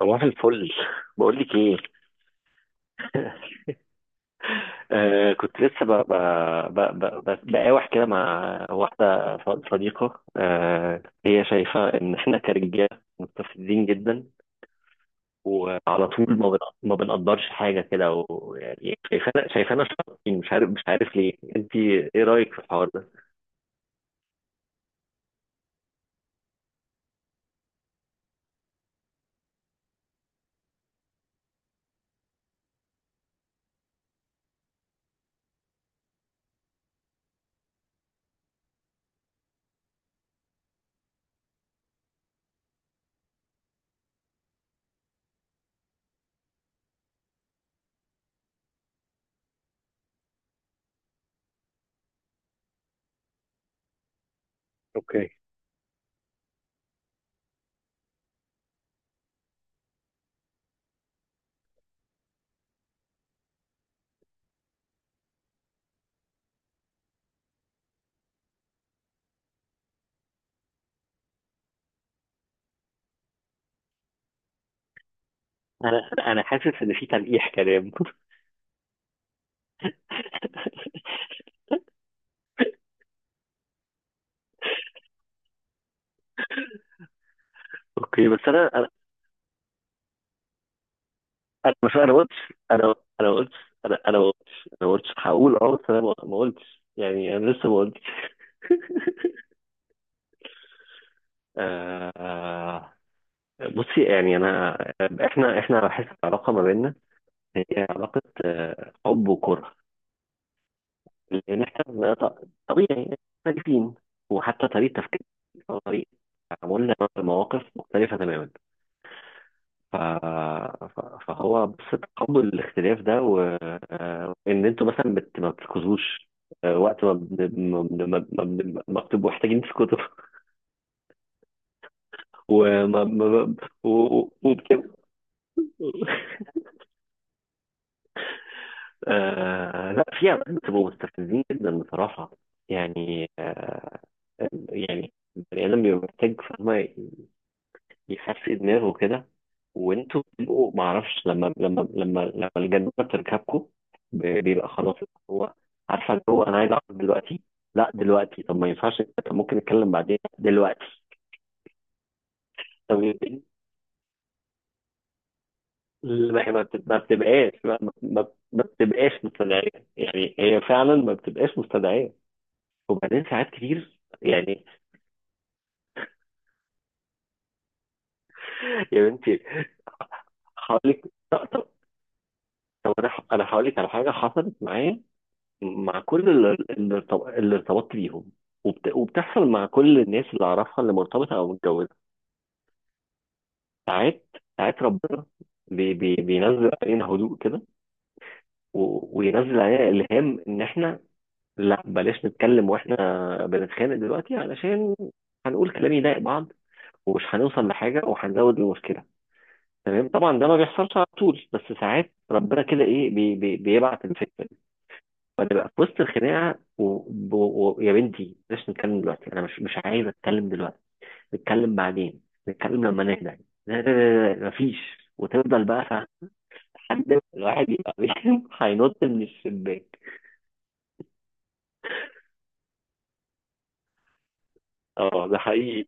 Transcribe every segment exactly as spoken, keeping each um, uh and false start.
صباح الفل بقول لك ايه. آه كنت لسه ب- ب- ب- ب- ب- بقاوح كده مع واحده ص- صديقه. آه هي شايفه ان احنا كرجاله مستفزين جدا، وعلى طول ما بن- ما بنقدرش حاجه كده، ويعني شايفانا شايفانا شاطرين، مش عارف مش عارف ليه. انت ايه رايك في الحوار ده؟ اوكي. انا انا حاسس ان في تلقيح كلام. اوكي، بس انا انا مش، انا ما قلتش، انا انا ما قلتش، انا انا ما قلتش، انا ما قلتش، هقول اه، بس انا ما ما قلتش، يعني انا لسه ما قلتش. آه بصي يعني انا، احنا احنا بحس العلاقه ما بيننا هي علاقه حب وكره، لان احنا ط- طبيعي مختلفين، وحتى طريقه تفكيرنا وطريقه تعاملنا مع المواقف مختلفه تماما. ف... ف- فهو بس تقبل الاختلاف ده. و... آه، وان انتوا مثلا بت... ما بتركزوش. آه، وقت ما بن- ما بن- ما بن- ما بن- ما بتبقوا محتاجين تسكتوا. وما ما... و... و- وبتبقوا. آه... لا، في اوقات بتبقوا مستفزين جدا بصراحة. يعني آه... يعني البني آدم بيبقى محتاج، فاهمة، يحسن دماغه كده، وانتوا بتبقوا ما اعرفش، لما لما لما لما الجنة بتركبكم ب- بيبقى خلاص هو. عارفه اللي هو انا عايز اعرف دلوقتي، لا دلوقتي، طب ما ينفعش، طب ممكن نتكلم بعدين دلوقتي. طب يمكن- ما هي ما بت- ما بتبقاش، ما ما- ما بتبقاش مستدعيه، يعني هي فعلا ما بتبقاش مستدعيه. وبعدين ساعات كتير، يعني. يا بنتي، هقول لك. طب طب- طب انا، ح- انا هقول لك على حاجه حصلت معايا مع كل ال- اللي ارتب- اللي ارتبطت بيهم. وبت... وبتحصل مع كل الناس اللي اعرفها اللي مرتبطه او متجوزه. ساعات، ساعات ربنا بي... بي... بينزل علينا هدوء كده، و... وينزل علينا الهام ان احنا، لا بلاش نتكلم واحنا بنتخانق دلوقتي علشان هنقول كلام يضايق بعض، ومش هنوصل لحاجه، وهنزود المشكله. تمام، طبعا ده ما بيحصلش على طول، بس ساعات ربنا كده ايه بي... بي... بيبعت الفكره وهنبقى في وسط الخناقه ويا. و... و... يا بنتي بلاش نتكلم دلوقتي، انا مش مش عايز اتكلم دلوقتي، نتكلم بعدين، نتكلم لما نهدى. لا، لا، لا، لا، مفيش. وتفضل بقى، فاهم؟ لحد ما الواحد يبقى بيهم هينط من الشباك. اه ده حقيقي.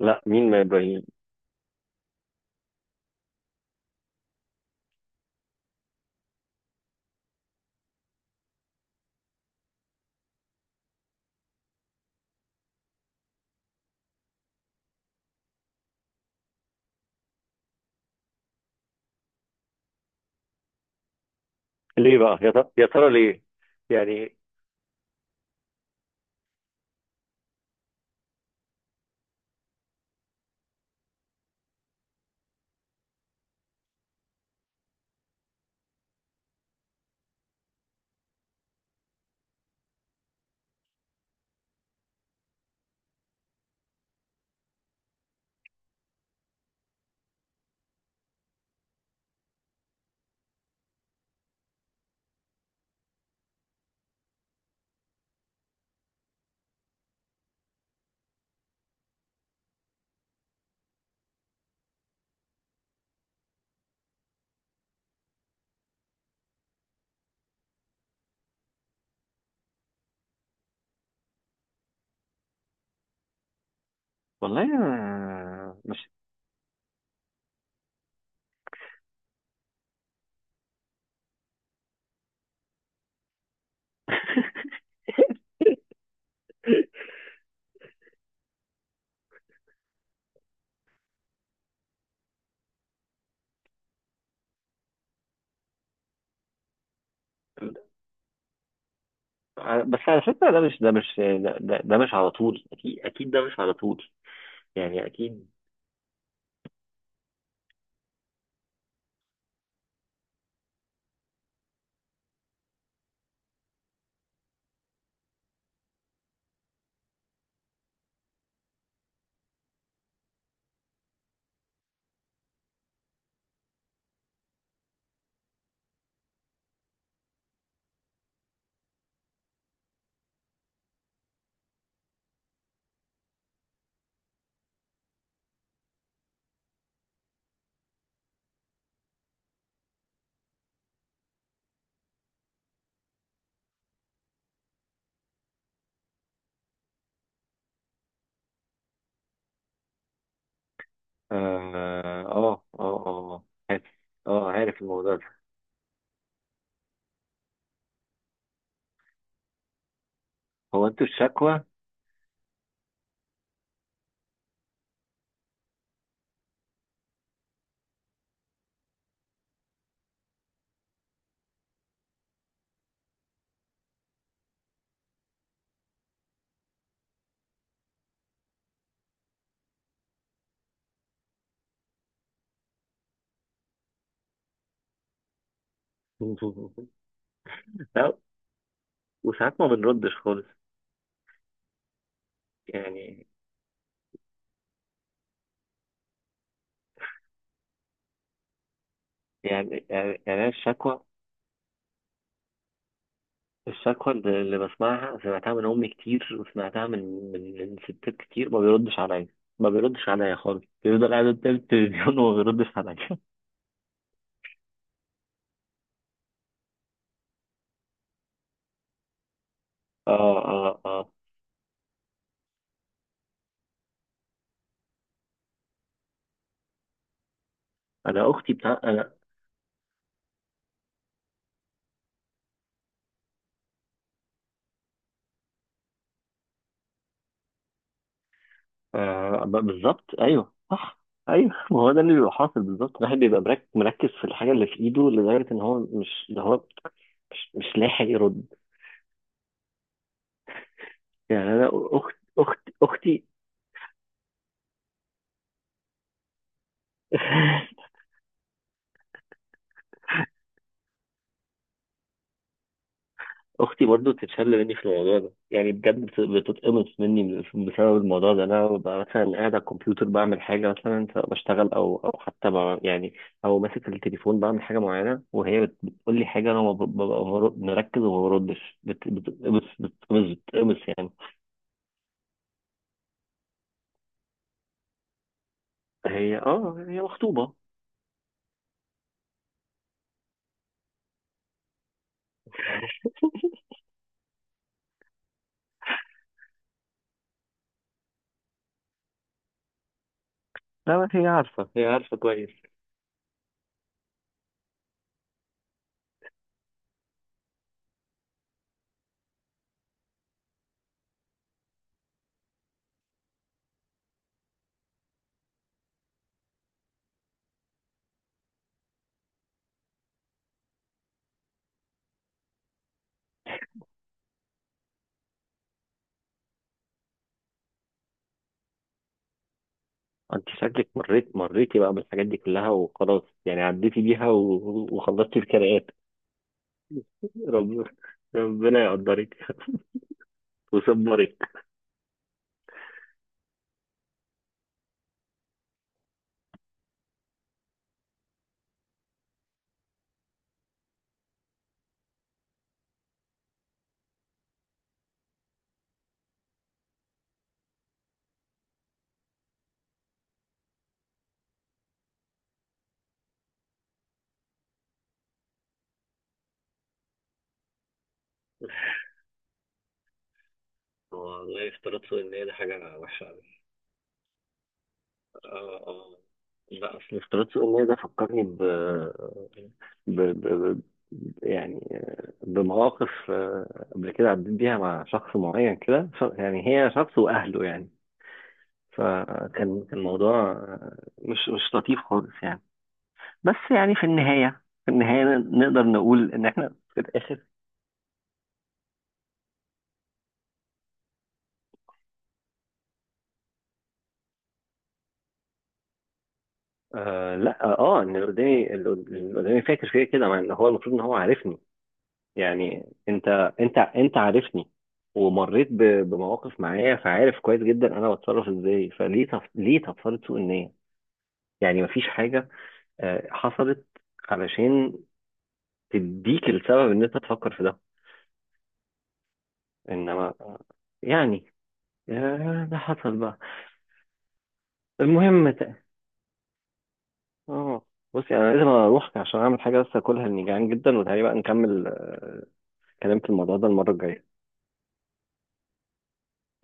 لا، مين ما يبين. ليه بقى، يا ترى يا ترى ليه؟ يعني والله أنا مش. بس على فكرة ده مش، ده مش ده, ده ده مش على طول، أكيد أكيد ده مش على طول، يعني أكيد. اه، اه، اه، اه، عارف. اه عارف الموضوع ده. هو انتوا الشكوى. لا، وساعات ما بنردش خالص، يعني يعني يعني يعني أنا الشكوى. الشكوى اللي اللي بسمعها، سمعتها من امي كتير، وسمعتها من من من ستات كتير ما بيردش عليا. ما بيردش عليا خالص، بيفضل قاعد قدام التلفزيون وما بيردش عليا. اه، اه، اه. انا اختي بتاع انا. آه ب- بالظبط، ايوه صح. ايوه ما هو ده اللي بيبقى حاصل بالظبط، الواحد بيبقى مرك- مركز في الحاجه اللي في ايده لدرجه ان هو مش ده، هو مش, مش لاحق يرد. يعني انا اخت اخت اختي. اختي برضو بتتشل مني في الموضوع ده، يعني بجد بت- بتتقمص مني بسبب الموضوع ده. انا ببقى مثلا قاعد على الكمبيوتر بعمل حاجه مثلا، سواء بشتغل او او حتى ب- يعني، او ماسك التليفون بعمل حاجه معينه، وهي بت- بتقول لي حاجه، انا ما ب- ببقى مر- مركز وما بردش، بت- بتتقمص بتتقمص بتتقمص، يعني. هي اه هي مخطوبه. لا بس هي عارفه، هي عارفه كويس. انت شكلك مريت مريتي بقى بالحاجات دي كلها وخلاص، يعني عديتي بيها و- وخلصتي الكرقات. رب- ربنا يقدرك وصبري. والله افتراض سوء النية ده حاجة وحشة أوي. اه، اه. لا أصل افتراض سوء النية ده فكرني ب... ب... ب... ب... يعني بمواقف، آه، قبل كده عديت بيها مع شخص معين كده، ش- يعني هي شخص وأهله يعني. فكان كان موضوع، آه، مش مش لطيف خالص يعني. بس يعني في النهاية، في النهاية ن- نقدر نقول إن إحنا في الآخر. آه لا، اه ان اللي قدامي، اللي قدامي فاكر فيا كده، مع ان هو المفروض ان هو عارفني. يعني انت، انت انت عارفني ومريت ب- بمواقف معايا، فعارف كويس جدا انا بتصرف ازاي. فليه تف... ليه تفصلت سوء النية؟ يعني مفيش حاجة، آه، حصلت علشان تديك السبب ان انت تفكر في ده، انما، آه، يعني، آه، ده حصل بقى. المهم ت... اه بصي، انا لازم اروح عشان اعمل حاجة بس اكلها لاني جعان جدا. وتعالي بقى نكمل آه، كلام في الموضوع ده المرة الجاية.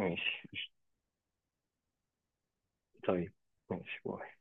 ماشي. طيب ماشي باي.